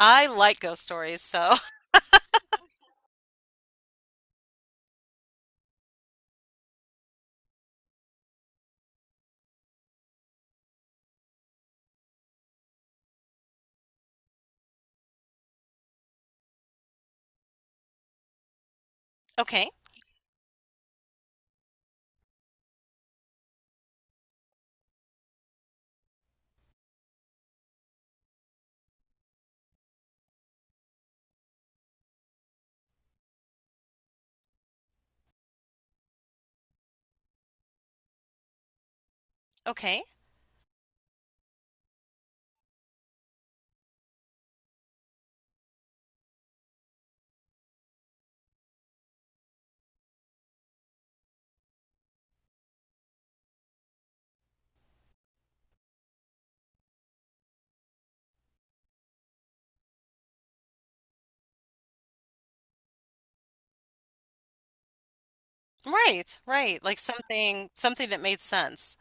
I like ghost stories, so okay, okay. Right, right. Like something that made sense.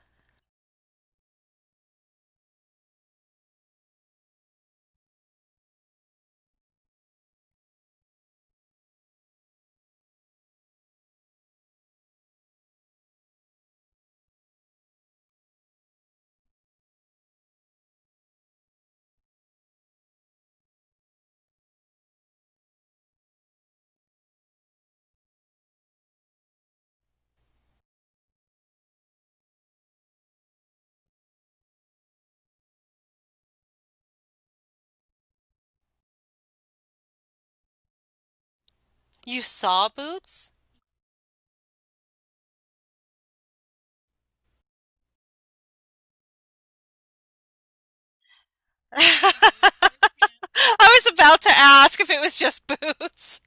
You saw boots? I was about to ask if it was just boots.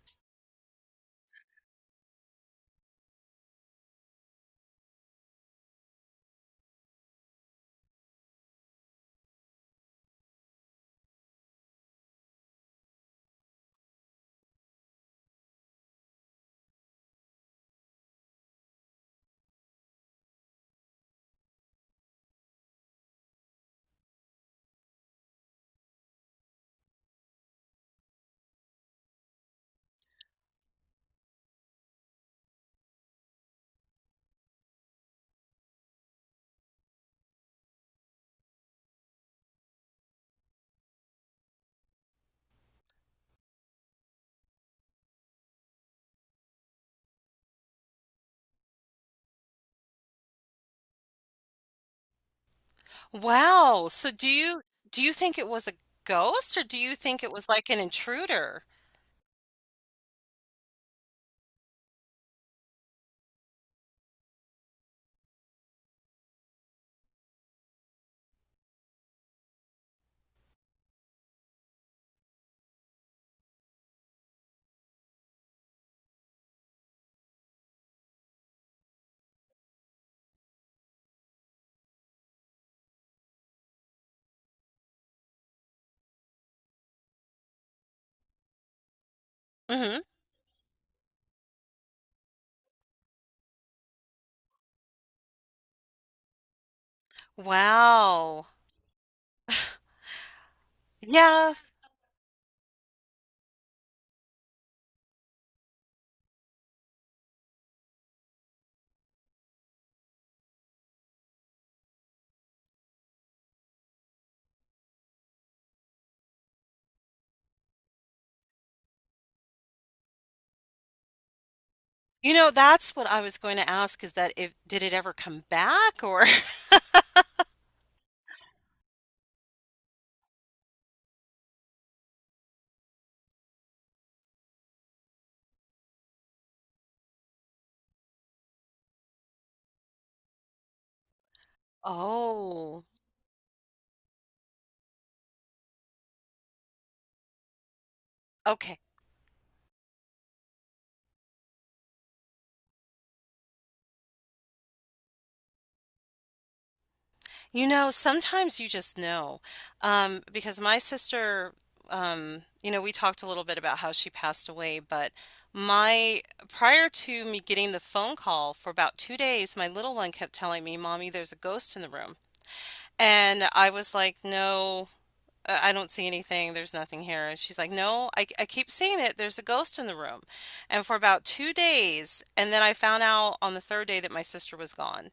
Wow. So do you think it was a ghost, or do you think it was like an intruder? Hmm. Wow. Yeah. You know, that's what I was going to ask, is that if did it ever come back? Or oh, okay. You know, sometimes you just know. Because my sister, you know, we talked a little bit about how she passed away, but my prior to me getting the phone call, for about 2 days my little one kept telling me, "Mommy, there's a ghost in the room." And I was like, "No, I don't see anything. There's nothing here." And she's like, "No, I keep seeing it. There's a ghost in the room." And for about 2 days. And then I found out on the third day that my sister was gone.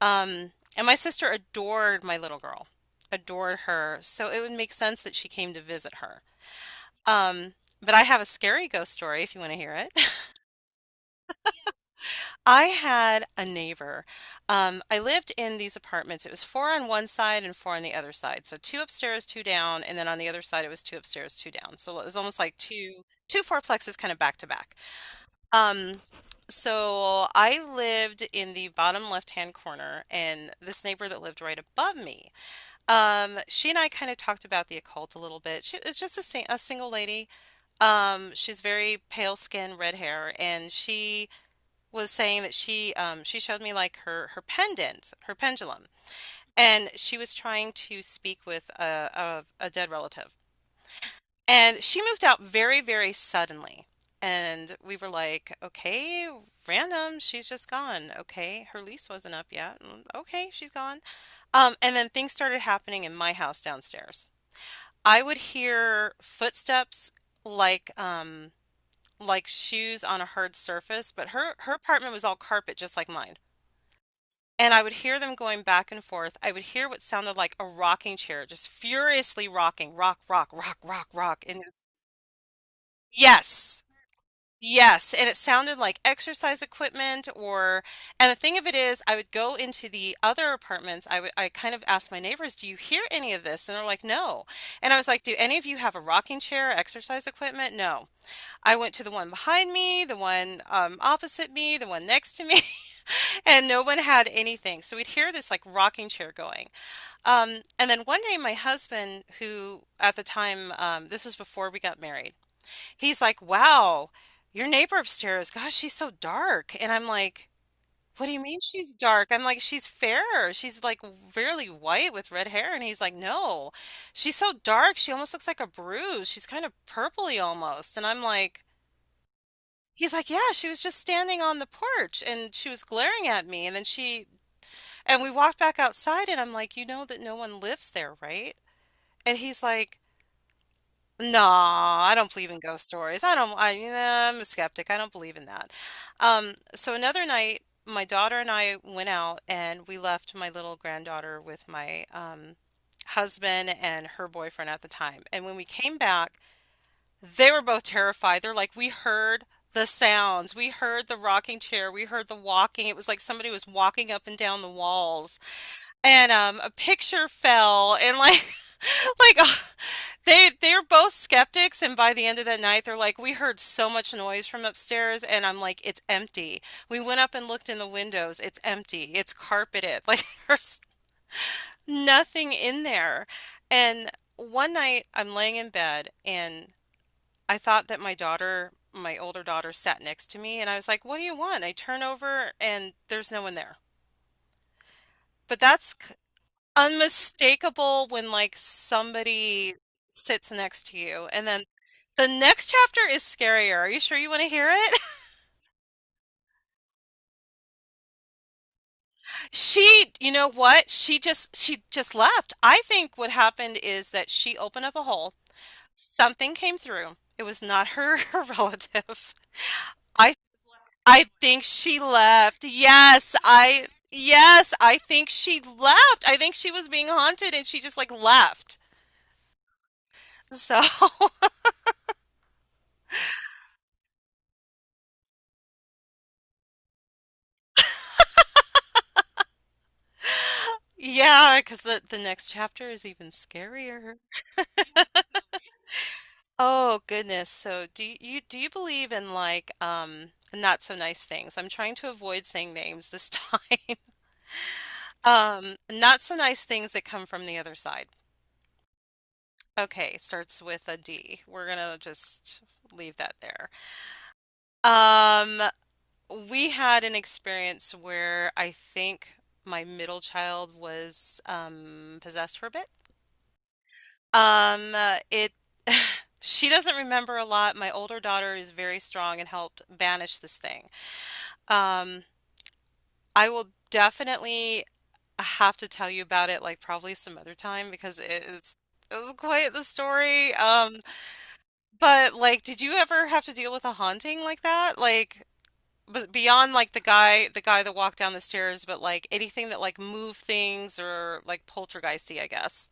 And my sister adored my little girl, adored her. So it would make sense that she came to visit her. Um, but I have a scary ghost story if you want to hear it. I had a neighbor. I lived in these apartments. It was four on one side and four on the other side. So two upstairs, two down, and then on the other side it was two upstairs, two down. So it was almost like two fourplexes kind of back to back. Um, so I lived in the bottom left-hand corner, and this neighbor that lived right above me. She and I kind of talked about the occult a little bit. She is just a, sing a single lady. She's very pale skin, red hair, and she was saying that she showed me like her pendant, her pendulum, and she was trying to speak with a dead relative. And she moved out very, very suddenly. And we were like, okay, random, she's just gone. Okay, her lease wasn't up yet. Mm, okay, she's gone. And then things started happening in my house downstairs. I would hear footsteps like um like shoes on a hard surface, but her apartment was all carpet just like mine. And I would hear them going back and forth. I would hear what sounded like a rocking chair just furiously rocking, rock, rock, rock, rock, rock. And yes. Yes, and it sounded like exercise equipment. Or and the thing of it is, I would go into the other apartments. I kind of asked my neighbors, "Do you hear any of this?" And they're like, "No." And I was like, "Do any of you have a rocking chair or exercise equipment?" No. I went to the one behind me, the one opposite me, the one next to me, and no one had anything. So we'd hear this like rocking chair going. And then one day my husband, who at the time this is before we got married, he's like, "Wow, your neighbor upstairs, gosh, she's so dark." And I'm like, "What do you mean she's dark?" I'm like, "She's fair. She's like really white with red hair." And he's like, "No, she's so dark. She almost looks like a bruise. She's kind of purpley almost." And I'm like, he's like, yeah, she was just standing on the porch and she was glaring at me. And then she, and we walked back outside and I'm like, "You know that no one lives there, right?" And he's like, "No, I don't believe in ghost stories. I don't, you know, I'm a skeptic. I don't believe in that." So another night, my daughter and I went out and we left my little granddaughter with my husband and her boyfriend at the time. And when we came back, they were both terrified. They're like, "We heard the sounds. We heard the rocking chair. We heard the walking. It was like somebody was walking up and down the walls. And a picture fell and like," like, they're both skeptics, and by the end of that night, they're like, "We heard so much noise from upstairs," and I'm like, "It's empty." We went up and looked in the windows. It's empty. It's carpeted. Like there's nothing in there. And one night, I'm laying in bed, and I thought that my daughter, my older daughter, sat next to me, and I was like, "What do you want?" I turn over, and there's no one there. But that's unmistakable when like somebody sits next to you. And then the next chapter is scarier. Are you sure you want to hear it? She, you know what? She just left. I think what happened is that she opened up a hole. Something came through. It was not her, her relative. I I think she left. Yes, I think she left. I think she was being haunted and she just like left. So yeah, cause the next chapter is even scarier. Oh goodness. So do do you believe in like not so nice things? I'm trying to avoid saying names this time. Not so nice things that come from the other side. Okay, starts with a D. We're gonna just leave that there. Um, we had an experience where I think my middle child was possessed for a bit. It she doesn't remember a lot. My older daughter is very strong and helped banish this thing. Um, I will definitely have to tell you about it like probably some other time because it was quite the story. But like did you ever have to deal with a haunting like that? Like beyond like the guy that walked down the stairs, but like anything that like moved things or like poltergeisty, I guess.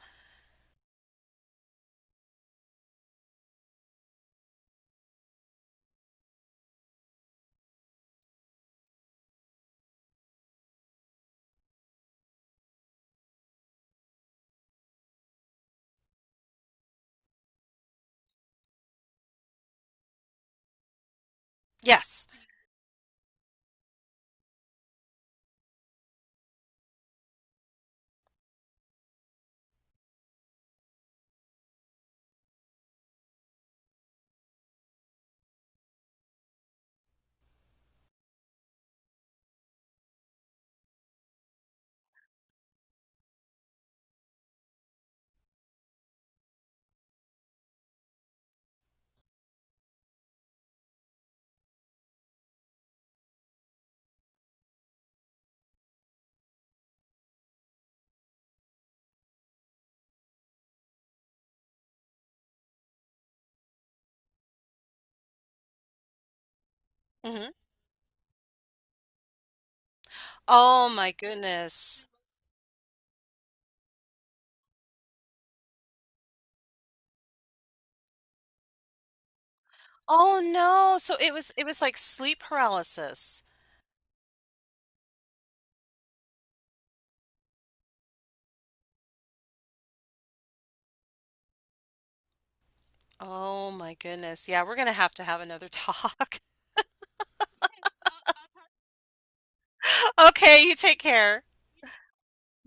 Yes. Hmm. Oh my goodness. Oh no. So it was like sleep paralysis. Oh my goodness. Yeah, we're gonna have to have another talk. Okay, you take care.